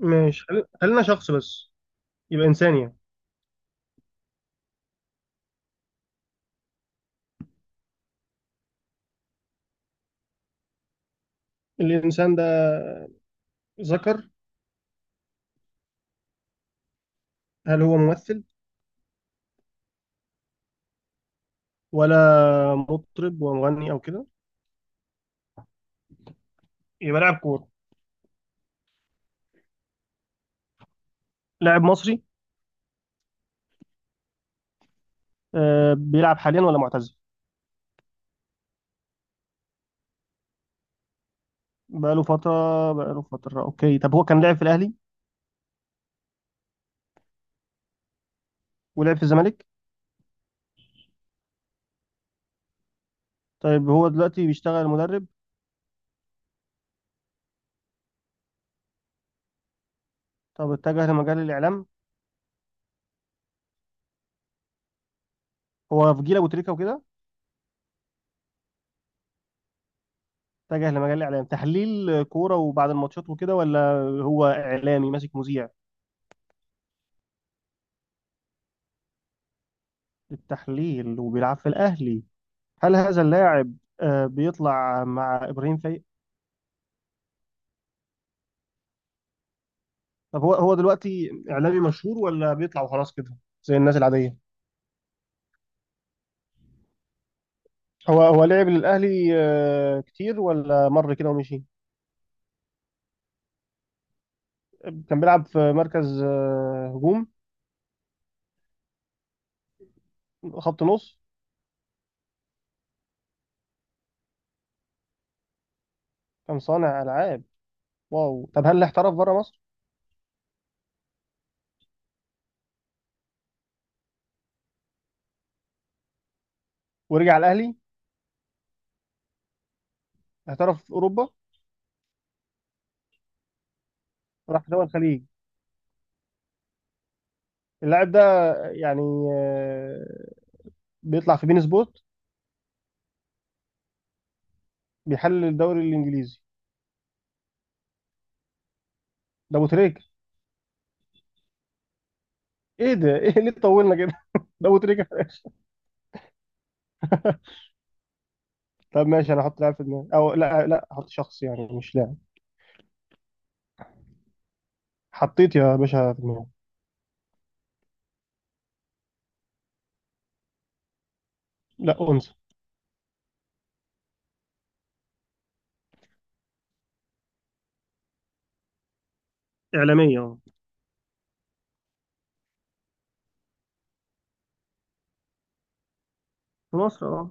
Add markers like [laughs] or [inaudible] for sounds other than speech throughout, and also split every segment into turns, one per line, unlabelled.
ماشي. خلينا شخص بس، يبقى إنسان يعني. الإنسان ده ذكر، هل هو ممثل ولا مطرب ومغني أو كده؟ يبقى لاعب كورة. لاعب مصري. بيلعب حاليا ولا معتزل؟ بقاله فترة؟ بقاله فترة. أوكي، طب هو كان لاعب في الأهلي ولعب في الزمالك؟ طيب هو دلوقتي بيشتغل مدرب؟ طب اتجه لمجال الإعلام؟ هو في جيل أبو تريكة وكده؟ اتجه لمجال الإعلام، تحليل كورة وبعد الماتشات وكده، ولا هو إعلامي ماسك مذيع؟ التحليل وبيلعب في الأهلي. هل هذا اللاعب بيطلع مع ابراهيم فايق؟ طب هو دلوقتي اعلامي مشهور ولا بيطلع وخلاص كده، زي الناس العاديه؟ هو لعب للاهلي كتير ولا مر كده ومشي؟ كان بيلعب في مركز هجوم؟ خط نص؟ كان صانع العاب. واو. طب هل احترف بره مصر؟ ورجع الاهلي. احترف في اوروبا؟ راح دول الخليج؟ اللاعب ده يعني آه، بيطلع في بين سبوت؟ بيحلل الدوري الانجليزي؟ ده ابو تريكه. ايه ده، ايه ليه طولنا كده؟ [laughs] ده ابو تريكه في الاخر. طب ماشي، انا هحط لاعب في دماغي او لا، هحط شخص يعني مش لاعب. حطيت يا باشا في دماغي. لا، انثى. اعلاميه، اه. في مصر، اه.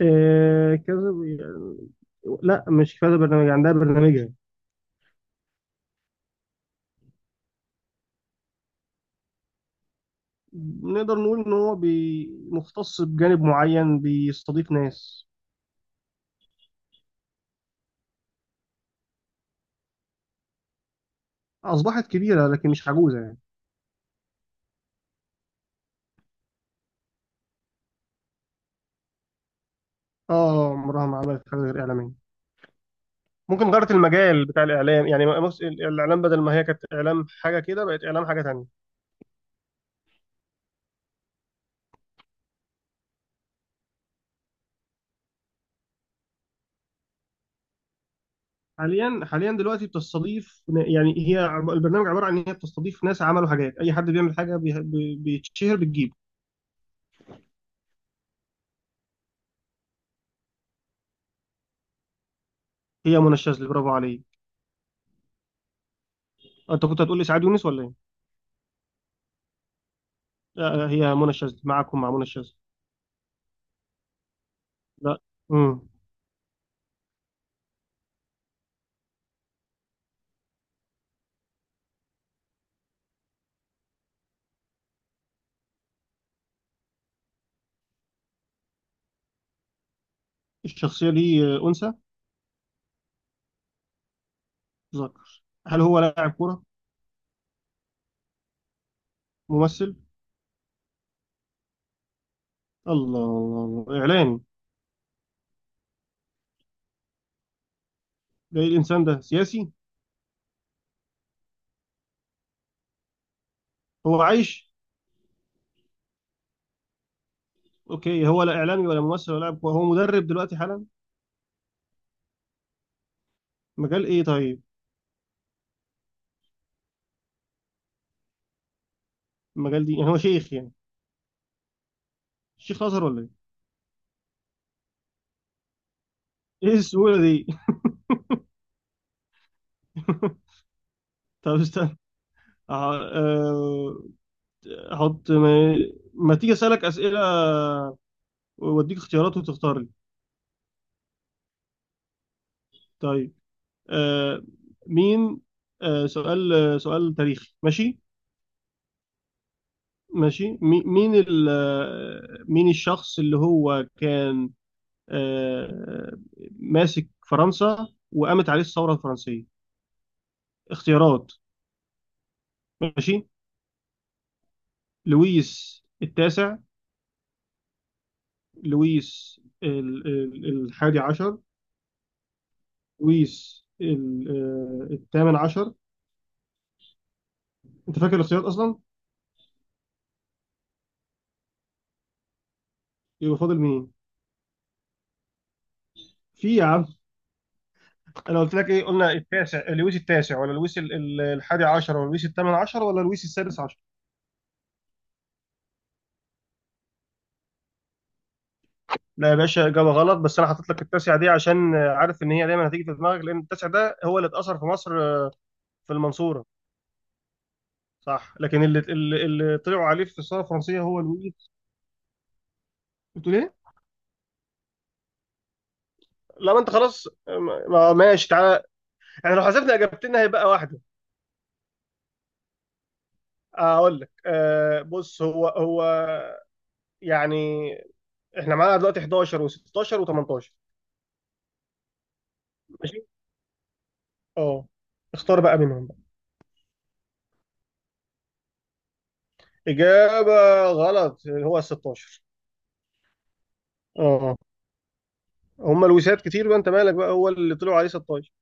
إيه كذا بي- لا مش كذا برنامج، عندها برنامجها. نقدر نقول ان هو مختص بجانب معين، بيستضيف ناس. اصبحت كبيره لكن مش عجوزه يعني. اه، عمرها ما عملت حاجه غير اعلاميه. ممكن غيرت المجال بتاع الاعلام يعني، بص، الاعلام بدل ما هي كانت اعلام حاجه كده بقت اعلام حاجه تانية. حاليا، حاليا دلوقتي بتستضيف يعني، البرنامج عباره عن ان هي بتستضيف ناس عملوا حاجات، اي حد بيعمل حاجه بيتشهر بتجيب. هي منى الشاذلي، برافو عليك. انت كنت هتقول لي سعاد يونس ولا ايه؟ لا هي منى الشاذلي، معاكم مع منى الشاذلي. لا. امم. الشخصيه دي انثى؟ ذكر، هل هو لاعب كوره؟ ممثل؟ الله الله الله، اعلامي؟ ده ايه الانسان ده، سياسي؟ هو عايش؟ اوكي، هو لا اعلامي ولا ممثل ولا لاعب كوره، هو مدرب دلوقتي حالا؟ مجال ايه طيب؟ المجال دي يعني، هو شيخ يعني؟ شيخ ازهر ولا ايه؟ ايه السهوله دي! [laughs] طب استنى. أه، احط ما تيجي اسالك اسئله واديك اختيارات وتختار لي. طيب. أه، مين. سؤال، سؤال تاريخي، ماشي؟ ماشي. مين الشخص اللي هو كان أه، ماسك فرنسا وقامت عليه الثوره الفرنسيه؟ اختيارات، ماشي. لويس التاسع، لويس الحادي عشر، لويس الثامن عشر. انت فاكر الاختيارات اصلا؟ يبقى فاضل مين؟ في يا عم. انا قلت لك ايه؟ قلنا التاسع، لويس التاسع ولا لويس الحادي عشر ولا لويس الثامن عشر ولا لويس السادس عشر. لا يا باشا، اجابه غلط. بس انا حطيت لك التاسع دي عشان عارف ان هي دايما هتيجي في دماغك، لان التاسع ده هو اللي اتاثر في مصر في المنصوره، صح؟ لكن اللي طلعوا عليه في الثوره الفرنسيه هو لويس. قلت ليه؟ لا ما انت خلاص، ماشي تعالى، احنا لو حسبنا اجابتنا هيبقى واحده. اقول لك آه، بص، هو يعني. احنا معانا دلوقتي 11 و16 و18، ماشي؟ اه، اختار بقى منهم بقى. اجابه غلط، هو ال 16. اه، هما الوسات كتير بقى، انت مالك بقى، هو اللي طلعوا عليه 16.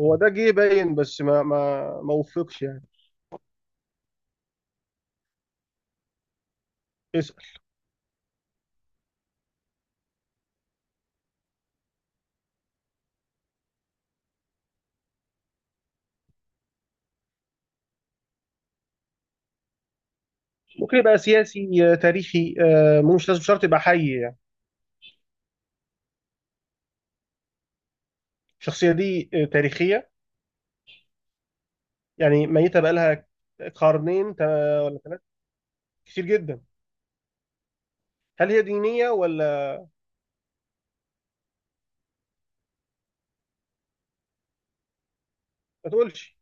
هو ده جه باين بس ما وفقش يعني. اسال. ممكن يبقى سياسي، تاريخي، آه، مو مش لازم شرط يبقى حي يعني. الشخصيه دي تاريخيه يعني؟ ميته بقى لها قرنين ولا ثلاثه؟ كتير جدا؟ هل هي دينيه ولا؟ ما تقولش.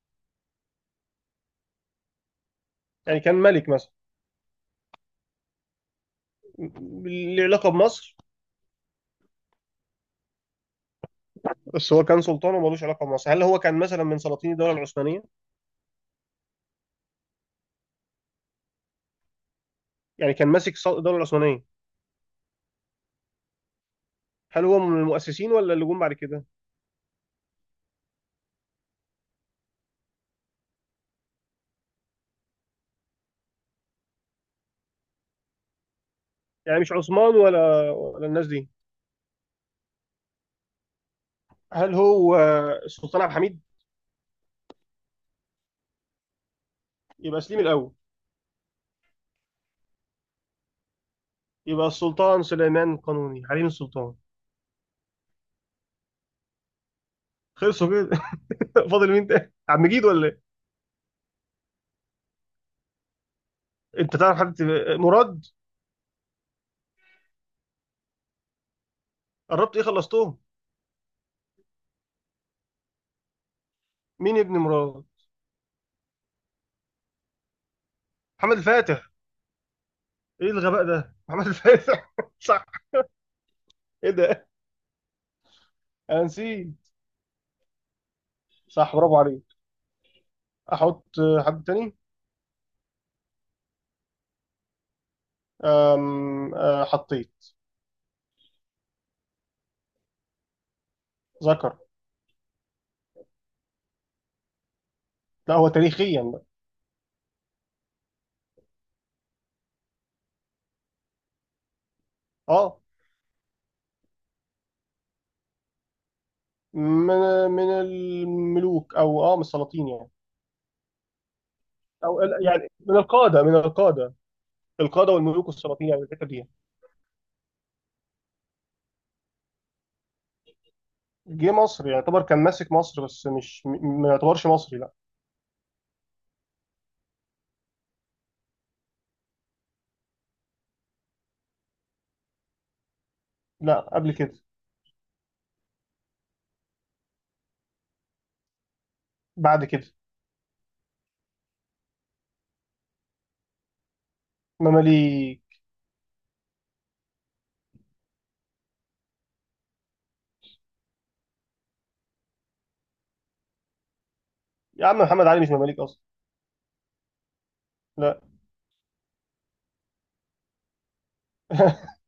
يعني كان ملك مثلا؟ ليه علاقه بمصر؟ بس هو كان سلطان ومالوش علاقه بمصر، هل هو كان مثلا من سلاطين الدوله العثمانيه؟ يعني كان ماسك الدوله العثمانيه؟ هل هو من المؤسسين ولا اللي جم بعد كده؟ يعني مش عثمان ولا الناس دي؟ هل هو السلطان عبد الحميد؟ يبقى سليم الاول؟ يبقى السلطان سليمان قانوني حليم السلطان؟ خلصوا كده. [laughs] فاضل مين تاني، عم مجيد ولا ايه؟ انت تعرف حد مراد؟ قربت ايه، خلصتهم. مين ابن مراد؟ محمد الفاتح؟ ايه الغباء ده، محمد الفاتح! [laughs] صح. ايه ده، انا نسيت. صح، برافو عليك. احط حد تاني. أم، آه، حطيت. ذكر. لا هو تاريخيا بقى. اه. من، من الملوك او اه من السلاطين يعني. او يعني من القاده، القاده والملوك والسلاطين يعني، الحته دي يعني. جه مصر يعني، يعتبر كان ماسك مصر بس مش م- ما يعتبرش مصري، لا. لا قبل كده. بعد كده. مماليك. يا عم محمد علي مش مماليك اصلا. لا. [laughs]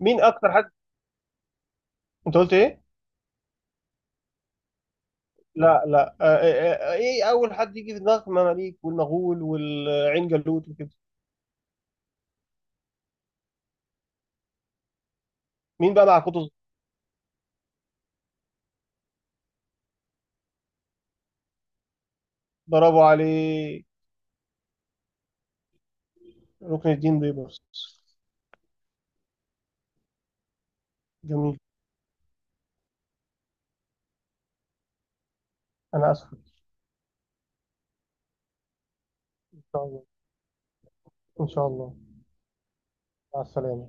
مين اكتر حد، انت قلت ايه؟ لا لا، ايه اول حد يجي في دماغك، مماليك والمغول والعين جالوت وكده. مين بقى مع قطز؟ برافو عليه. ركن الدين بيبرس. جميل. أنا آسف. إن شاء الله، إن شاء الله. مع السلامة.